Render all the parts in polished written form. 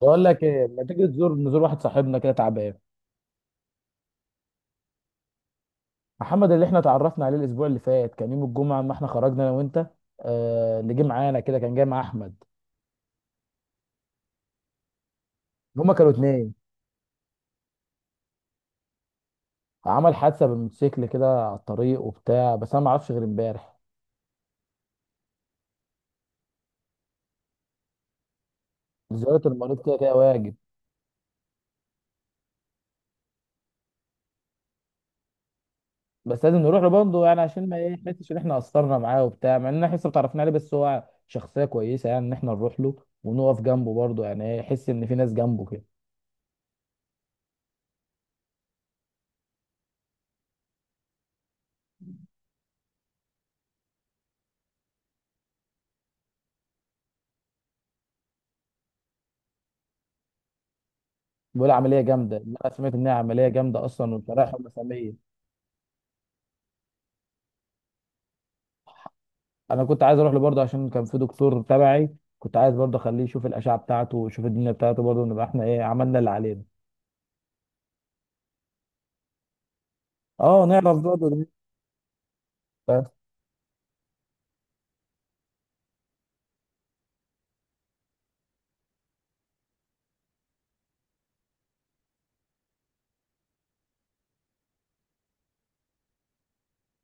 بقول لك ايه، ما تيجي نزور واحد صاحبنا كده تعبان؟ محمد اللي احنا اتعرفنا عليه الاسبوع اللي فات، كان يوم الجمعه ما احنا خرجنا انا وانت. اللي جه معانا كده كان جاي مع احمد. هما كانوا اتنين. عمل حادثه بالموتوسيكل كده على الطريق وبتاع، بس انا ما اعرفش غير امبارح. زياره المريض كده كده واجب. بس لازم نروح له برضه يعني عشان ما ايه يحسش ان احنا قصرنا معاه وبتاع، مع ان احنا لسه ما تعرفنا عليه بس هو شخصيه كويسه، يعني ان احنا نروح له ونقف جنبه برضه يعني ايه يحس ان في ناس جنبه كده. بيقول عمليه جامده، انا سمعت انها عمليه جامده اصلا، وشرائح رسميه. انا كنت عايز اروح له برضه عشان كان في دكتور تبعي، كنت عايز برضه اخليه يشوف الاشعه بتاعته ويشوف الدنيا بتاعته، برضه نبقى احنا ايه عملنا اللي علينا. اه، نعرف برضه دي. ف-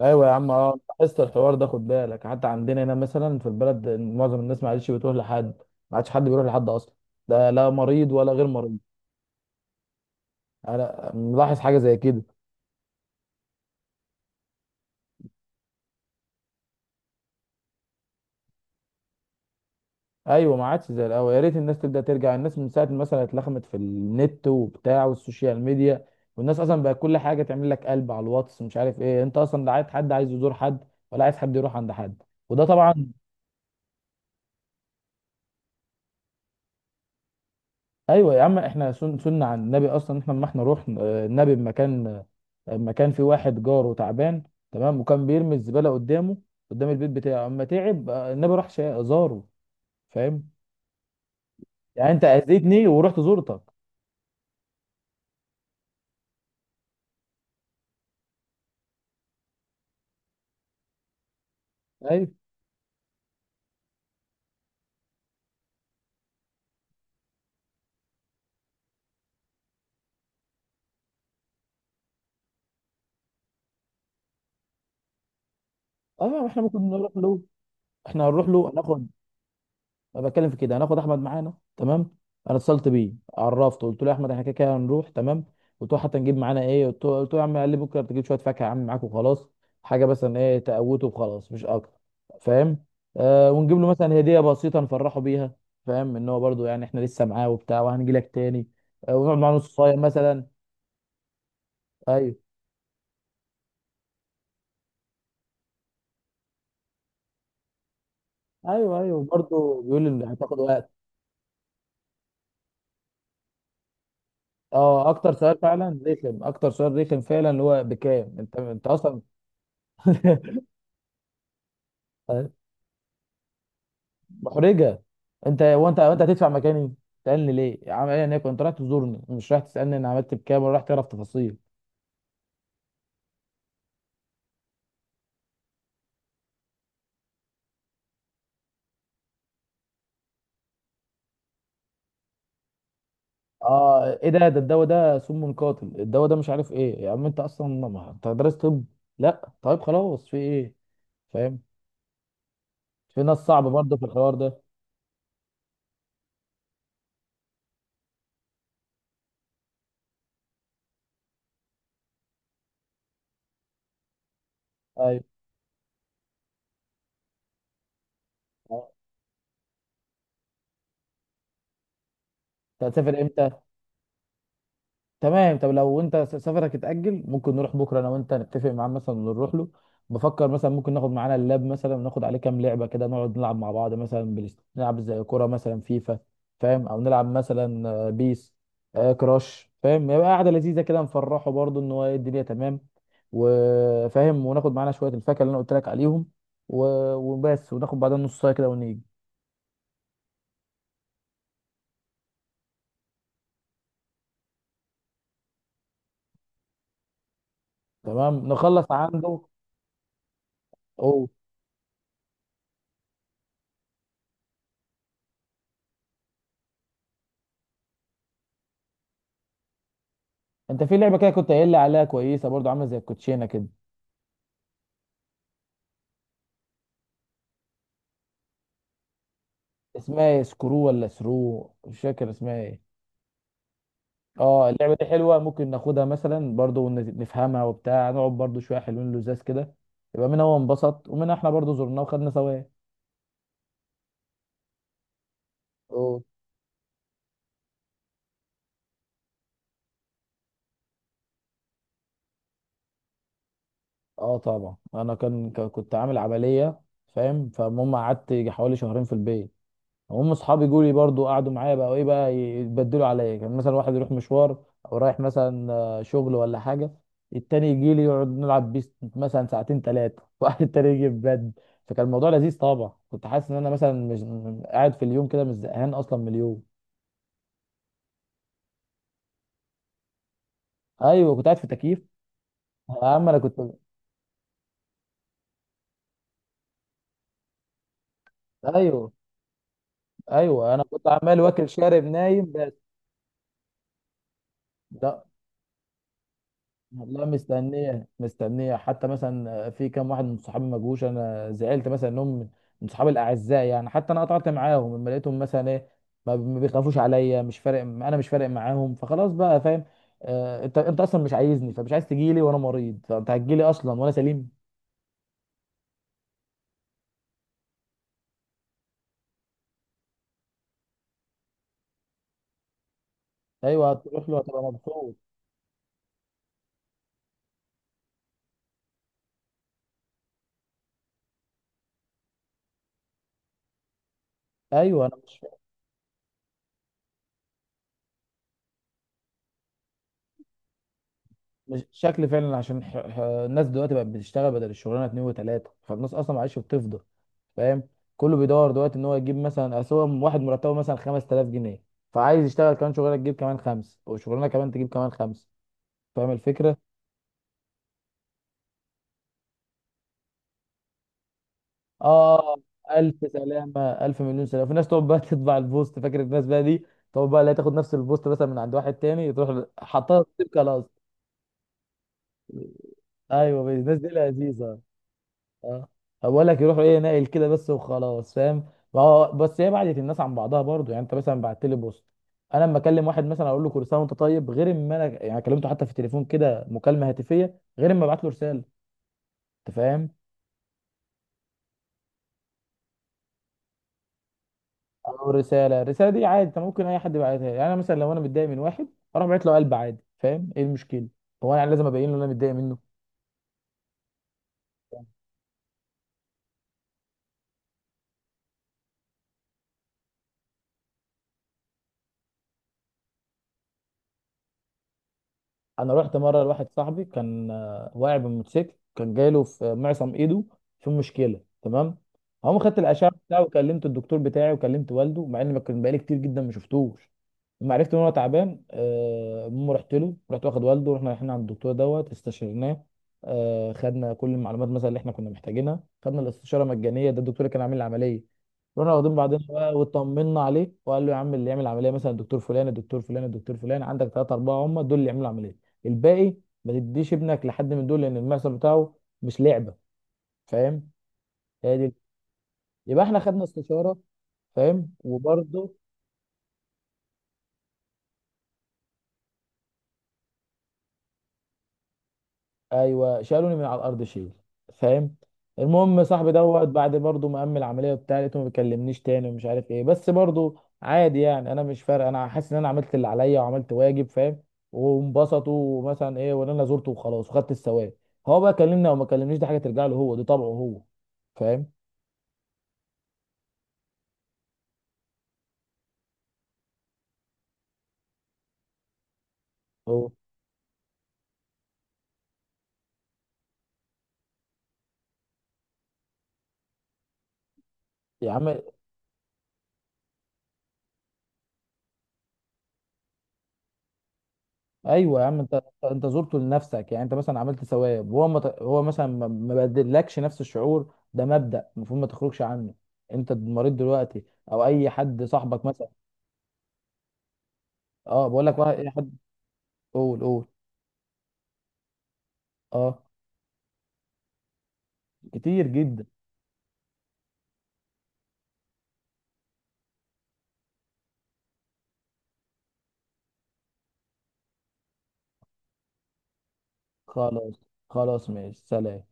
ايوه يا عم، اه لاحظت الحوار ده، خد بالك حتى عندنا هنا مثلا في البلد معظم الناس ما عادش بتروح لحد. ما عادش حد بيروح لحد اصلا. لا، لا مريض ولا غير مريض. انا ملاحظ حاجه زي كده. ايوه ما عادش زي الاول، يا ريت الناس تبدا ترجع. الناس من ساعه مثلا اتلخمت في النت وبتاع والسوشيال ميديا، والناس اصلا بقى كل حاجه تعمل لك قلب على الواتس مش عارف ايه، انت اصلا لا عايز حد، عايز يزور حد ولا عايز حد يروح عند حد. وده طبعا. ايوه يا عم، احنا سنة عن النبي اصلا، احنا لما احنا رحنا، النبي بمكان، في واحد جاره تعبان، تمام، وكان بيرمي الزباله قدام البيت بتاعه، اما تعب، النبي راح زاره. فاهم؟ يعني انت اذيتني ورحت زورتك. ايوه، اه احنا ممكن نروح له. احنا هنروح له، هناخد، أنا بتكلم في كده. هناخد احمد معانا، تمام. انا اتصلت بيه عرفته، قلت له يا احمد احنا كده كده هنروح، تمام. قلت له حتى نجيب معانا ايه؟ قلت له يا عم، قال لي بكره بتجيب شويه فاكهه يا عم معاك وخلاص. حاجه مثلا ايه تقوته وخلاص، مش اكتر. فاهم؟ آه، ونجيب له مثلا هديه بسيطه نفرحه بيها. فاهم ان هو برضه، يعني احنا لسه معاه وبتاع، وهنجي لك تاني. آه، ونقعد معاه نص ساعه مثلا. ايوه، ايوه، ايوه برضه بيقول لي هتاخد وقت. اه، اكتر سؤال فعلا رخم، اكتر سؤال رخم فعلا، اللي هو بكام. انت انت اصلا طيب، محرجه انت هتدفع مكاني؟ تسالني ليه يا عم؟ انا كنت رايح تزورني، مش رايح تسالني انا عملت بكام ولا رايح تعرف تفاصيل. اه، ايه ده؟ الدواء ده سم قاتل، الدواء ده مش عارف ايه، يا عم انت اصلا ما انت درست طب؟ لا طيب خلاص في ايه. فاهم؟ في ناس صعبه برضه في الحوار ده. ايوه. آه. انت هتسافر امتى؟ تمام، طب لو انت سفرك اتأجل، ممكن نروح بكره انا وانت، نتفق معاه مثلا ونروح له. بفكر مثلا ممكن ناخد معانا اللاب مثلا، وناخد عليه كام لعبه كده نقعد نلعب مع بعض، مثلا نلعب زي كوره مثلا فيفا، فاهم، او نلعب مثلا، بيس، كراش، فاهم؟ يبقى قاعده لذيذه كده نفرحه برضه ان هو ايه الدنيا تمام، وفاهم. وناخد معانا شويه الفاكهه اللي انا قلت لك عليهم، وبس، وناخد بعدها نص ساعه كده ونيجي. تمام، نخلص عنده. اوه. انت في لعبه كده كنت قايل لي عليها كويسه برضه، عامله زي الكوتشينه كده. اسمها ايه، سكرو ولا سرو؟ مش فاكر اسمها ايه. اه اللعبه دي حلوه، ممكن ناخدها مثلا برضو نفهمها وبتاع، نقعد برضو شويه حلوين لزاز كده. يبقى منها هو انبسط، ومنها احنا برضو زرناه وخدنا ثواب. أوه. اه طبعا، انا كان كنت عامل عمليه. فاهم؟ فالمهم قعدت يجي حوالي شهرين في البيت. هم اصحابي جولي برضو قعدوا معايا بقى وايه بقى، يتبدلوا عليا، كان مثلا واحد يروح مشوار او رايح مثلا، شغل ولا حاجه، التاني يجي لي يقعد نلعب بيس مثلا ساعتين ثلاثه، واحد التاني يجي يبدل. فكان الموضوع لذيذ طبعا، كنت حاسس ان انا مثلا مش قاعد في اليوم كده، مش زهقان اصلا من اليوم. ايوه كنت قاعد في تكييف. يا عم انا كنت. ايوه. ايوه انا كنت عمال واكل شارب نايم بس. ده، والله مستنيه، مستنيه، حتى مثلا في كام واحد من صحابي ما جوش، انا زعلت مثلا انهم من صحابي الاعزاء يعني، حتى انا قطعت معاهم لما لقيتهم مثلا ايه ما بيخافوش عليا، مش فارق، انا مش فارق معاهم فخلاص بقى، فاهم. آه، انت اصلا مش عايزني، فمش عايز تجيلي وانا مريض، فانت هتجيلي اصلا وانا سليم؟ ايوه، هتروح له هتبقى مبسوط. ايوه، انا مش شكلي فعلا عشان الناس دلوقتي بقت بتشتغل بدل الشغلانه اتنين وتلاته، فالناس اصلا معلش بتفضى. فاهم؟ كله بيدور دلوقتي ان هو يجيب مثلا، اصل هو واحد مرتبه مثلا 5000 جنيه، فعايز يشتغل كمان شغلانه تجيب كمان خمس، وشغلانه كمان تجيب كمان خمس. فاهم الفكره؟ اه، الف سلامه، الف مليون سلامه، في ناس تقعد بقى تطبع البوست، فاكر الناس بقى دي. تقعد بقى، لا، تاخد نفس البوست مثلا من عند واحد تاني، تروح حطها في خلاص. ايوه الناس دي لذيذه. اه بقول لك يروحوا ايه، ناقل كده بس وخلاص، فاهم؟ ما هو بس هي بعدت الناس عن بعضها برضو، يعني انت مثلا بعت لي بوست، انا لما اكلم واحد مثلا اقول له كل سنه وانت طيب، غير اما انا يعني كلمته حتى في التليفون كده مكالمه هاتفيه، غير اما ابعت له رساله. انت فاهم؟ او رساله، الرساله دي عادي انت ممكن اي حد يبعتها لي. يعني انا مثلا لو انا متضايق من واحد، اروح بعت له قلب عادي. فاهم ايه المشكله؟ هو انا يعني لازم ابين له إن انا متضايق منه. انا رحت مره لواحد صاحبي، كان واقع بالموتوسيكل، كان جايله في معصم ايده في مشكله، تمام. هم خدت الاشعه بتاعه، وكلمت الدكتور بتاعي، وكلمت والده، مع ان ما كان بقالي كتير جدا ما شفتوش. لما عرفت ان هو تعبان، المهم رحت له، رحت واخد والده، رحنا رايحين عند الدكتور دوت استشرناه، خدنا كل المعلومات مثلا اللي احنا كنا محتاجينها، خدنا الاستشاره مجانيه، ده الدكتور اللي كان عامل العمليه. رحنا واخدين بعضنا بقى واطمنا عليه، وقال له يا عم اللي يعمل عمليه مثلا الدكتور فلان، الدكتور فلان، الدكتور فلان، عندك ثلاثه اربعه هم دول اللي يعملوا عمليه. الباقي ما تديش ابنك لحد من دول لان المحصل بتاعه مش لعبه، فاهم؟ هي دي. يبقى احنا خدنا استشاره، فاهم، وبرضه. ايوه شالوني من على الارض شيل، فاهم. المهم صاحبي دوت بعد برضه ما قام العمليه وبتاع، لقيته ما بيكلمنيش تاني ومش عارف ايه، بس برضه عادي يعني، انا مش فارق، انا حاسس ان انا عملت اللي عليا وعملت واجب، فاهم، وانبسطوا ومثلا ايه، وان انا زرته وخلاص وخدت الثواب. هو بقى كلمني او ما كلمنيش دي حاجه ترجع له هو، دي طبعه هو. فاهم؟ هو يا عم، ايوه يا عم انت زرته لنفسك، يعني انت مثلا عملت ثواب، وهو ما هو مثلا ما بدلكش نفس الشعور، ده مبدأ المفروض ما تخرجش عنه. انت مريض دلوقتي او اي حد صاحبك مثلا. اه بقول لك بقى اي حد. قول، قول. اه، كتير جدا. خلاص، خلاص ماشي، سلام.